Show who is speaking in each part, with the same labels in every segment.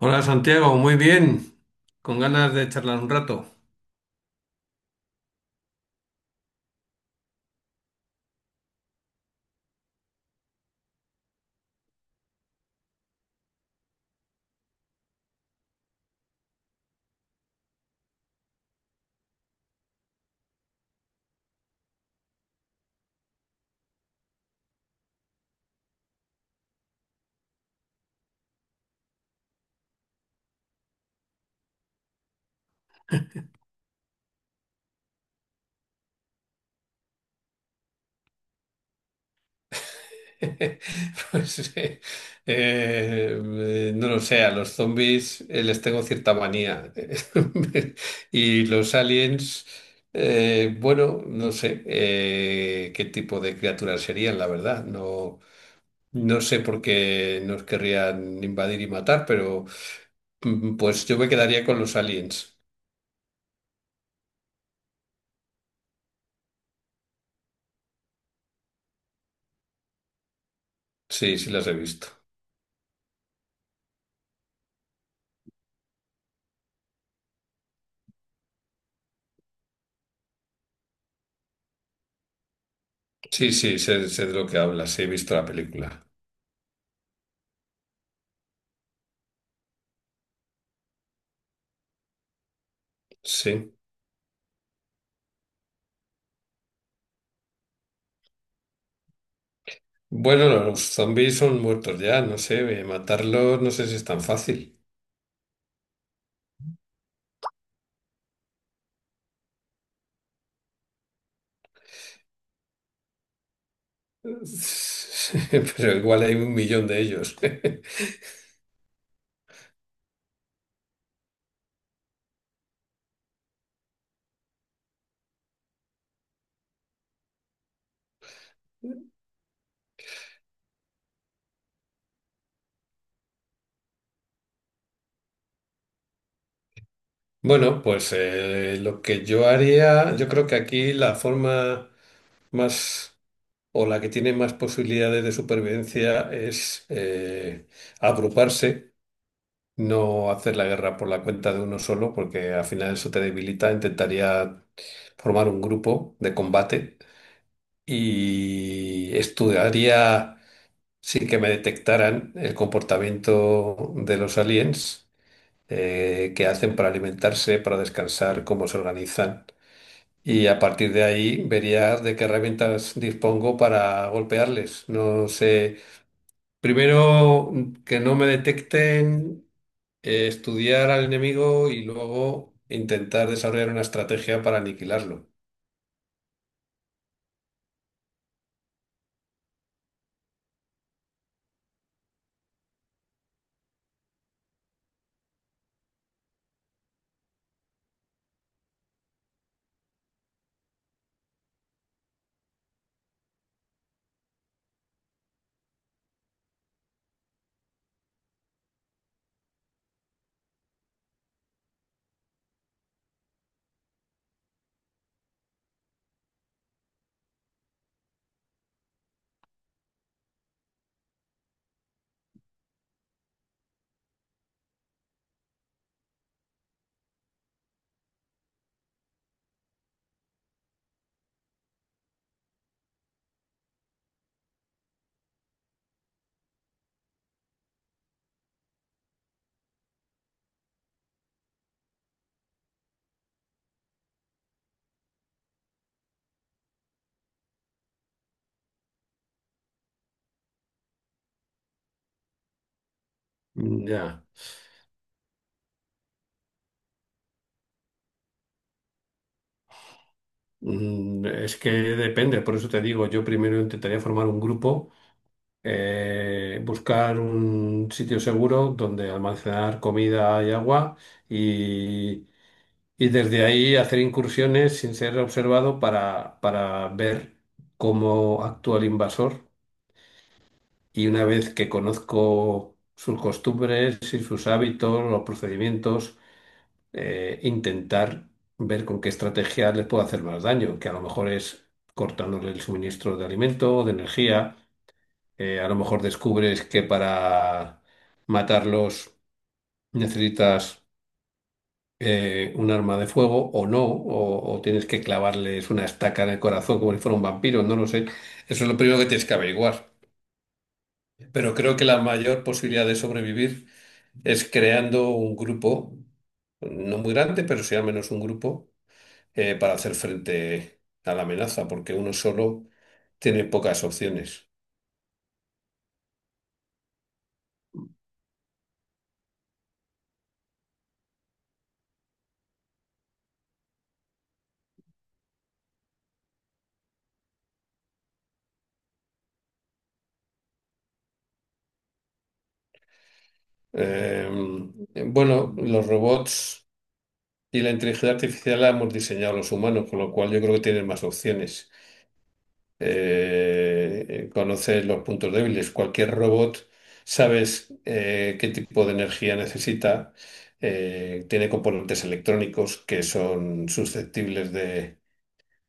Speaker 1: Hola Santiago, muy bien, con ganas de charlar un rato. Pues eh, no lo sé, a los zombies les tengo cierta manía. Y los aliens, bueno, no sé, qué tipo de criaturas serían, la verdad. No, no sé por qué nos querrían invadir y matar, pero pues yo me quedaría con los aliens. Sí, sí las he visto. Sí, sí, sé de lo que hablas, sí, he visto la película. Sí. Bueno, no, los zombies son muertos ya, no sé, matarlos no sé si es tan fácil. Pero igual hay un millón de ellos. Bueno, lo que yo haría, yo creo que aquí la forma más o la que tiene más posibilidades de supervivencia es, agruparse, no hacer la guerra por la cuenta de uno solo, porque al final eso te debilita. Intentaría formar un grupo de combate y estudiaría sin que me detectaran el comportamiento de los aliens, qué hacen para alimentarse, para descansar, cómo se organizan. Y a partir de ahí vería de qué herramientas dispongo para golpearles. No sé, primero, que no me detecten, estudiar al enemigo y luego intentar desarrollar una estrategia para aniquilarlo. Ya. Es que depende, por eso te digo, yo primero intentaría formar un grupo, buscar un sitio seguro donde almacenar comida y agua y, y desde ahí hacer incursiones sin ser observado para ver cómo actúa el invasor y una vez que conozco sus costumbres y sus hábitos, los procedimientos, intentar ver con qué estrategia les puedo hacer más daño, que a lo mejor es cortándole el suministro de alimento o de energía, a lo mejor descubres que para matarlos necesitas, un arma de fuego o no, o tienes que clavarles una estaca en el corazón como si fuera un vampiro, no lo sé. Eso es lo primero que tienes que averiguar. Pero creo que la mayor posibilidad de sobrevivir es creando un grupo, no muy grande, pero sí al menos un grupo, para hacer frente a la amenaza, porque uno solo tiene pocas opciones. Eh, bueno, los robots y la inteligencia artificial la hemos diseñado los humanos, con lo cual yo creo que tienen más opciones. Conoces los puntos débiles. Cualquier robot sabes, qué tipo de energía necesita. Tiene componentes electrónicos que son susceptibles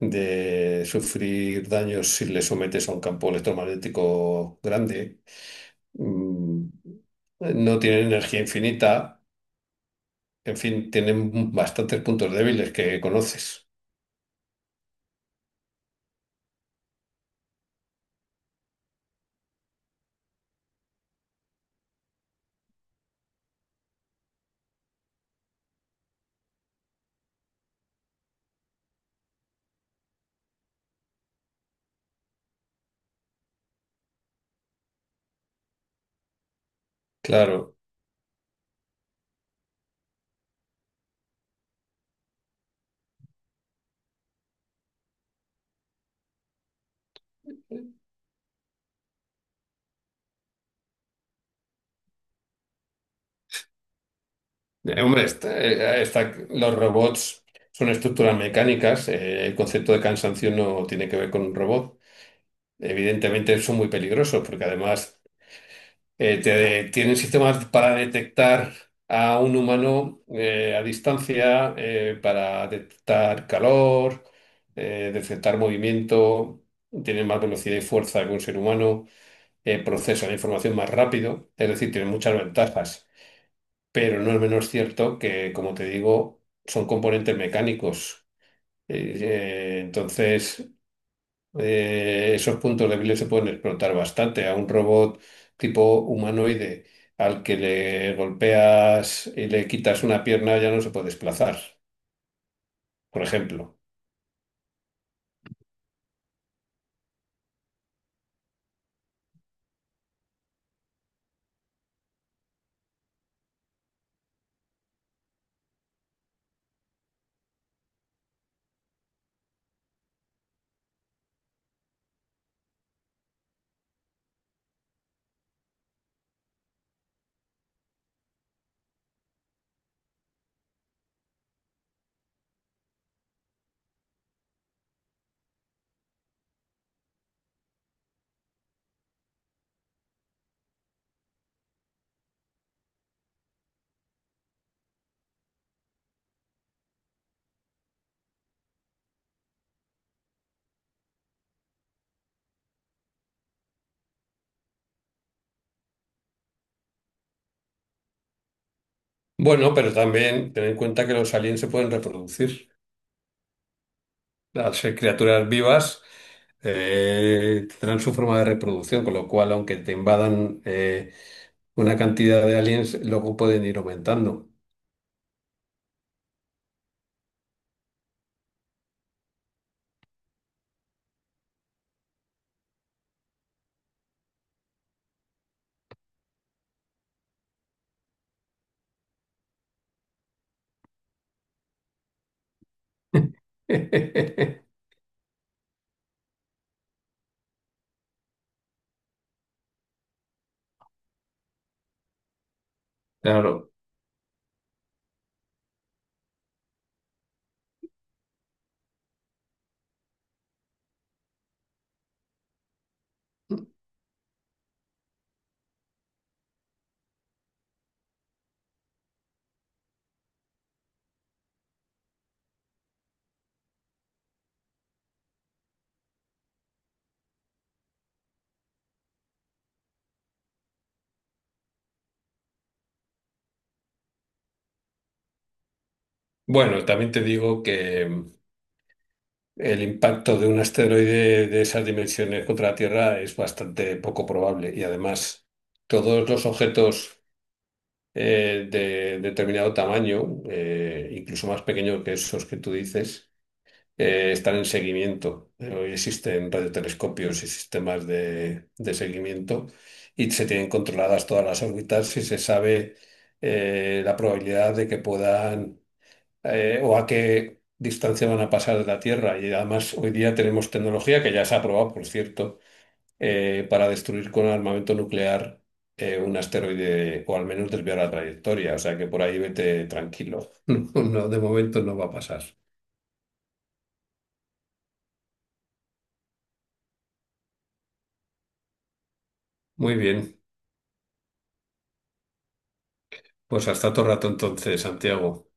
Speaker 1: de sufrir daños si le sometes a un campo electromagnético grande. Mm, No tienen energía infinita, en fin, tienen bastantes puntos débiles que conoces. Claro. Hombre, los robots son estructuras mecánicas, el concepto de cansancio no tiene que ver con un robot. Evidentemente son muy peligrosos porque además, tienen sistemas para detectar a un humano a distancia, para detectar calor, detectar movimiento, tienen más velocidad y fuerza que un ser humano, procesan la información más rápido, es decir, tienen muchas ventajas, pero no es menos cierto que, como te digo, son componentes mecánicos. Entonces, esos puntos débiles se pueden explotar bastante. A un robot tipo humanoide al que le golpeas y le quitas una pierna ya no se puede desplazar, por ejemplo. Bueno, pero también ten en cuenta que los aliens se pueden reproducir. Al ser criaturas vivas, tendrán su forma de reproducción, con lo cual, aunque te invadan, una cantidad de aliens, luego pueden ir aumentando. Claro. Bueno, también te digo que el impacto de un asteroide de esas dimensiones contra la Tierra es bastante poco probable y además todos los objetos, de determinado tamaño, incluso más pequeños que esos que tú dices, están en seguimiento. Hoy existen radiotelescopios y sistemas de seguimiento y se tienen controladas todas las órbitas y se sabe, la probabilidad de que puedan, o a qué distancia van a pasar de la Tierra. Y además hoy día tenemos tecnología que ya se ha probado, por cierto, para destruir con armamento nuclear un asteroide o al menos desviar la trayectoria. O sea que por ahí vete tranquilo. No, de momento no va a pasar. Muy bien, pues hasta otro rato entonces, Santiago.